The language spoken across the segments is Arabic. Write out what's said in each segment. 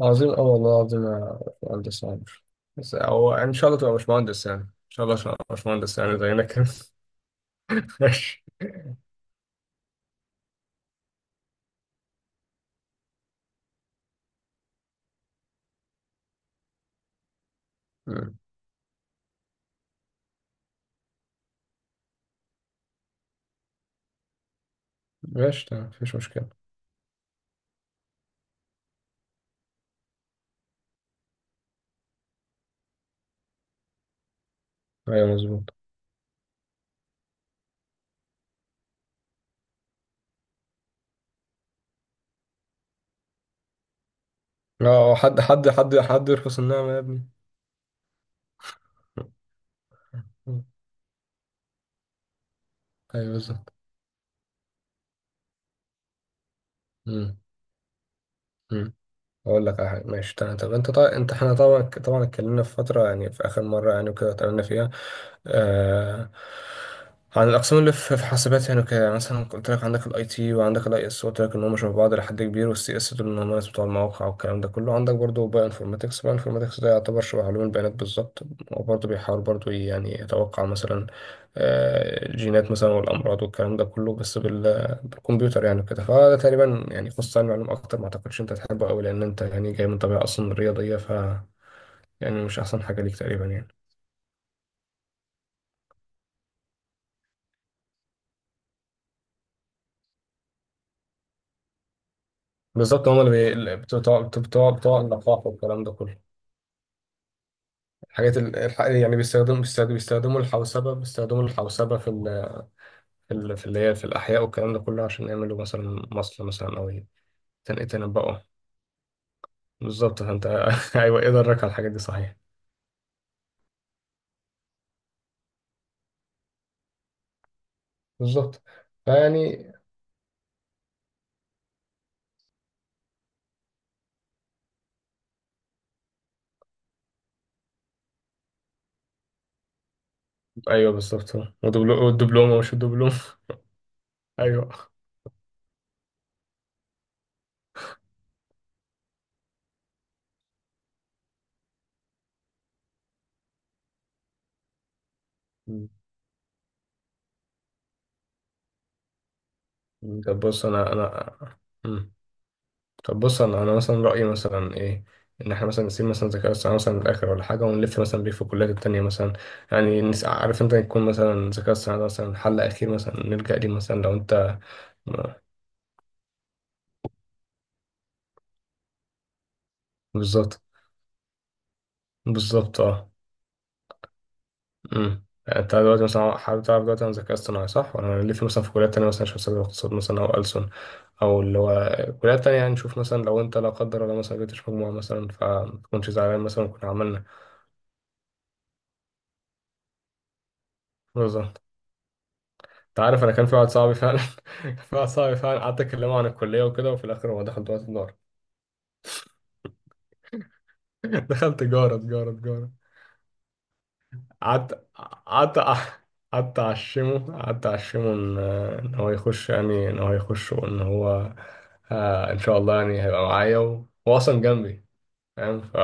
عظيم أوي والله العظيم يا باشمهندس عمر. بس هو إن شاء الله تبقى باشمهندس، يعني إن شاء الله تبقى باشمهندس يعني زينا كده. ماشي. ماشي تمام، مفيش مشكلة. أيوة مظبوط. اه، حد يرخص النعمة يا ابني. مم. أيوة بالظبط. أمم، أمم. أقول لك على حاجة. ماشي تمام. طب أنت طبعا، أنت إحنا طبعا اتكلمنا في فترة يعني، في آخر مرة يعني وكده اتكلمنا فيها آه، عن الأقسام اللي في حاسبات يعني وكده. يعني مثلا قلت لك عندك الاي تي وعندك الاي اس، قلت لك إن هم شبه بعض لحد كبير، والسي اس دول إن هم الناس بتوع المواقع والكلام ده كله. عندك برضه باي انفورماتكس ده يعتبر شبه علوم البيانات بالظبط. وبرضه بيحاول برضه يعني يتوقع مثلا الجينات مثلا والأمراض والكلام ده كله، بس بالكمبيوتر يعني وكده. فده تقريبا يعني خصوصا علوم، أكتر ما أعتقدش أنت تحبه أوي، لأن أنت يعني جاي من طبيعة أصلا رياضية. ف يعني مش أحسن حاجة ليك تقريبا يعني. بالظبط، هما اللي بتوع اللقاح والكلام ده كله. الحاجات يعني بيستخدموا الحوسبة في اللي هي في الأحياء والكلام ده كله، عشان يعملوا مثلا مصل مثلا، أو يتنبؤوا. بالظبط فأنت. أيوه إيه درك على الحاجات دي صحيح. بالظبط. فيعني أيوه بالظبط. والدبلومة، مش الدبلومة. أيوه. مم. مم. طب بص، أنا. مم. طب بص، انا مثلا رايي مثلا ايه، ان احنا مثلا نسيب مثلا الذكاء الاصطناعي مثلا للاخر ولا حاجه، ونلف مثلا بيه في الكليات التانية مثلا. يعني عارف انت، يكون مثلا الذكاء الاصطناعي ده مثلا حل اخير مثلا نلجا ليه، مثلا لو انت. بالظبط. بالظبط اه. امم، انت دلوقتي مثلا حابب تعرف دلوقتي عن الذكاء الاصطناعي، صح؟ ولا نلف مثلا في كليات تانية مثلا، نشوف حساب الاقتصاد مثلا او ألسن، او اللي هو كليات تانية. يعني نشوف مثلا لو انت لا قدر الله مثلا جبتش مجموعة مثلا، فمتكونش زعلان مثلا، كنا عملنا بالظبط. انت عارف، انا كان في واحد صاحبي فعلا. كان في واحد صاحبي فعلا قعدت اكلمه عن الكليه وكده، وفي الاخر هو دخل دلوقتي تجاره. دخل تجاره، تجاره، تجاره. قعدت قعدت قعدت اعشمه ان هو يخش، يعني ان هو يخش وان هو، آه ان شاء الله يعني هيبقى معايا، وهو اصلا جنبي فاهم. ف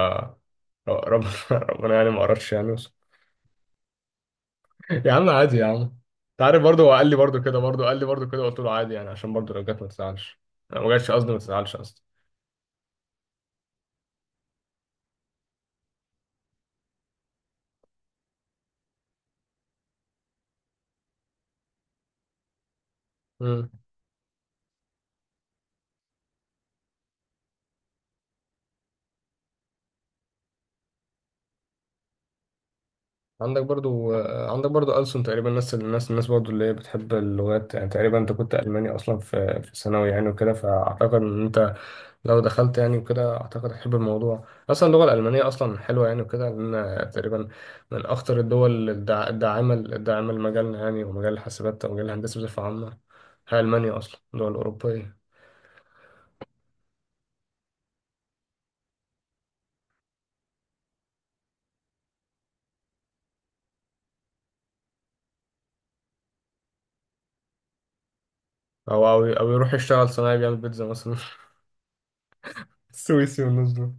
ربنا ربنا يعني ما قررش يعني بس. يا عم عادي يا عم. انت عارف برضه، هو قال لي برضه كده، برضه قال لي برضه كده، قلت له عادي يعني، عشان برضه لو جت ما تزعلش، لو ما جاتش قصدي ما تزعلش قصدي. عندك برضو عندك برضو ألسن، تقريبا ناس. الناس برضو اللي هي بتحب اللغات. يعني تقريبا انت كنت ألماني أصلا في ثانوي يعني وكده، فأعتقد إن انت لو دخلت يعني وكده، أعتقد هتحب الموضوع. أصلا اللغة الألمانية أصلا حلوة يعني وكده، لأن تقريبا من أخطر الدول الداعمة الداعمة لمجالنا يعني، ومجال الحاسبات ومجال الهندسة بصفة عامة. هي ألمانيا أصلا دول أوروبية. أو يروح يشتغل صنايعي، بيعمل بيتزا مثلا. سويسي والناس دول.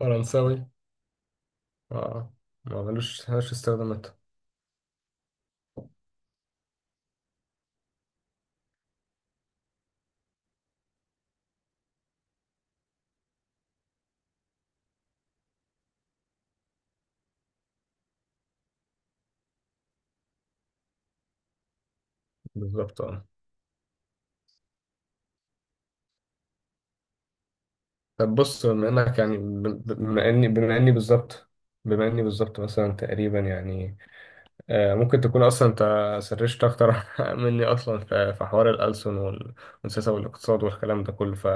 فرنساوي، اه، ما ملوش استخدامات. بالظبط اه. طب بص، بما انك يعني، بما اني بالظبط. بما اني بالظبط مثلا تقريبا يعني ممكن تكون اصلا انت سرشت اكتر مني اصلا في حوار الألسن والسياسة والاقتصاد والكلام ده كله. ف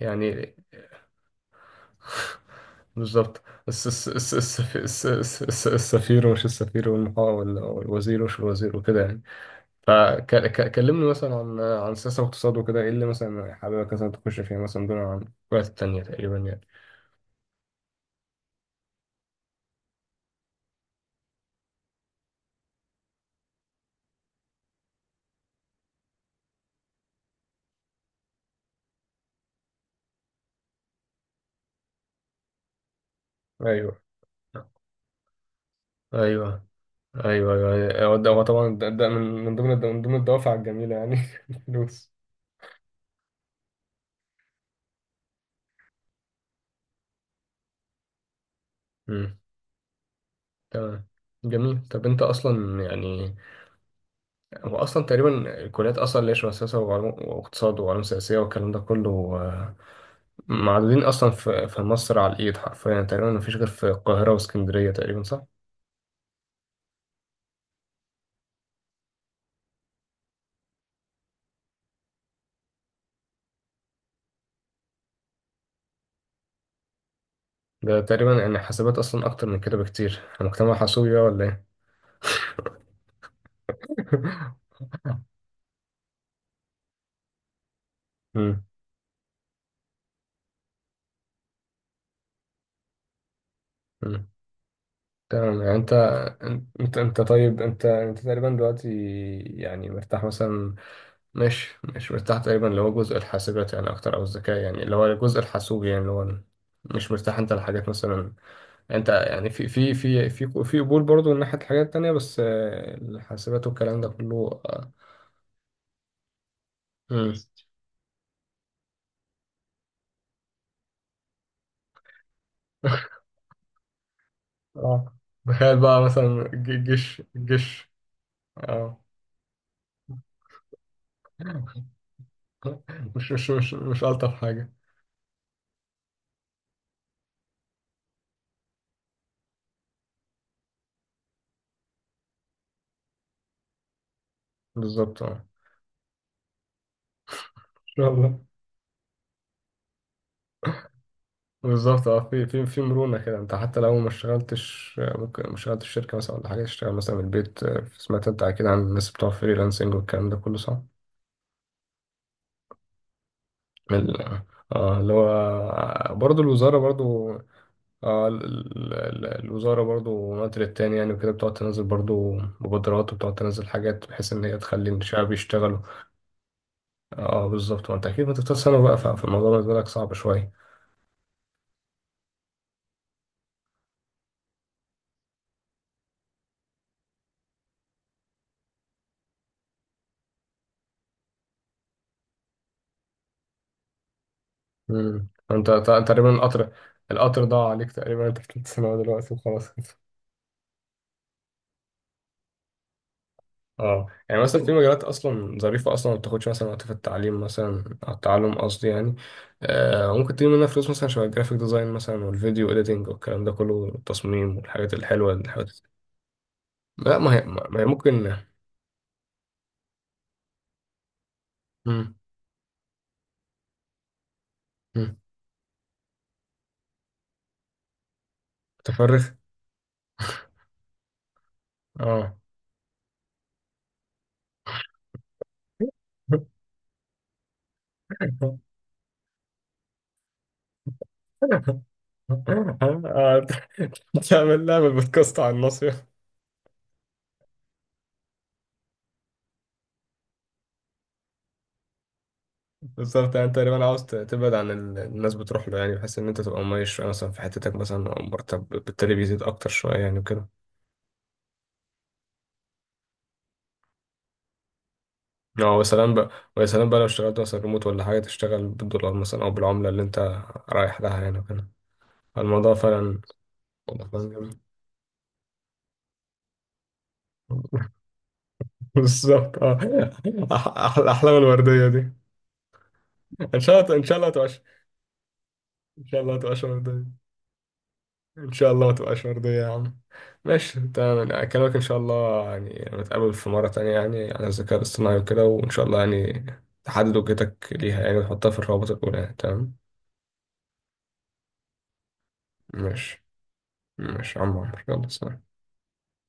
يعني. بالظبط. السفير ومش السفير، والوزير ومش الوزير وكده يعني. فكلمني مثلا عن السياسة والاقتصاد وكده، ايه اللي مثلا حاببك مثلا تخش فيها مثلا دون عن الوقت التانية تقريبا يعني. ايوه، ايوه، ايوه، ايوه، أيوة. هو ده، هو طبعا ده من ضمن الدوافع الجميله يعني. الفلوس. امم. تمام. جميل. طب انت اصلا يعني، هو اصلا تقريبا الكليات اصلا اللي هي شبه سياسه وعلوم، واقتصاد وعلوم سياسيه والكلام ده كله، آه، معدودين اصلا في مصر على الايد حرفيا يعني. تقريبا ما فيش غير في القاهره واسكندريه تقريبا، صح؟ ده تقريبا يعني حاسبات اصلا اكتر من كده بكتير مجتمع حاسوبي بقى، ولا ايه؟ امم. تمام. يعني انت انت طيب، انت تقريبا دلوقتي يعني مرتاح مثلا، مش مرتاح تقريبا اللي هو جزء الحاسبات يعني اكتر، او الذكاء يعني اللي هو الجزء الحاسوبي يعني، اللي هو مش مرتاح انت لحاجات مثلا. انت يعني في قبول برضه من ناحية الحاجات التانية، بس الحاسبات والكلام ده كله اه. مم. اه. تخيل بقى مثلا الجيش، الجيش اه. مش ألطف حاجة. بالظبط اه، ان شاء الله. بالظبط اه، في مرونة كده. انت حتى لو ما اشتغلتش، ممكن ما اشتغلتش في شركة مثلا ولا حاجة، تشتغل مثلا من البيت. سمعت انت اكيد عن الناس بتوع فريلانسنج والكلام ده كله، صح؟ ال- اه اللي هو برضه الوزارة برضه اه. الوزارة برضه من وقت للتاني يعني وكده بتقعد تنزل برضه مبادرات، وبتقعد تنزل حاجات بحيث ان هي تخلي الشعب يشتغلوا. اه بالظبط، وانت اكيد ما تفتح سنة بقى، فالموضوع بالنسبة لك صعب شوية. امم. انت تقريبا القطر، القطر ضاع عليك تقريبا، انت في ثالث ثانوي دلوقتي وخلاص كده. اه يعني مثلا في مجالات اصلا ظريفه اصلا، ما بتاخدش مثلا وقت في التعليم مثلا او التعلم قصدي يعني. آه ممكن تجيب منها فلوس مثلا، شبه الجرافيك ديزاين مثلا، والفيديو اديتنج والكلام ده كله، والتصميم والحاجات الحلوه اللي حاجات. لا ما هي ممكن. مم. مم. تفرغ. اه. آه، تعمل لها بالبودكاست على النص. بالظبط، يعني انت تقريبا عاوز تبعد عن الناس بتروح له يعني، بحيث ان انت تبقى مميز شويه مثلا في حتتك مثلا، او مرتب بالتالي بيزيد اكتر شويه يعني وكده. اه، ويا سلام بقى. ويا سلام بقى لو اشتغلت مثلا ريموت ولا حاجه، تشتغل بالدولار مثلا، او بالعمله اللي انت رايح لها يعني وكده. الموضوع فعلا، والله فعلا جميل. بالظبط اه. الاحلام الورديه دي ان شاء الله. ان شاء الله تبقى، ان شاء الله تبقى ورديه. ان شاء الله ما تبقاش مرضية يا عم. ماشي تمام، أنا اكلمك ان شاء الله، يعني نتقابل في مرة تانية يعني عن الذكاء الاصطناعي وكده، وان شاء الله يعني تحدد وجهتك ليها يعني، وتحطها في الروابط الاولى يعني. تمام. ماشي. ماشي يا عم عمرو، يلا سلام.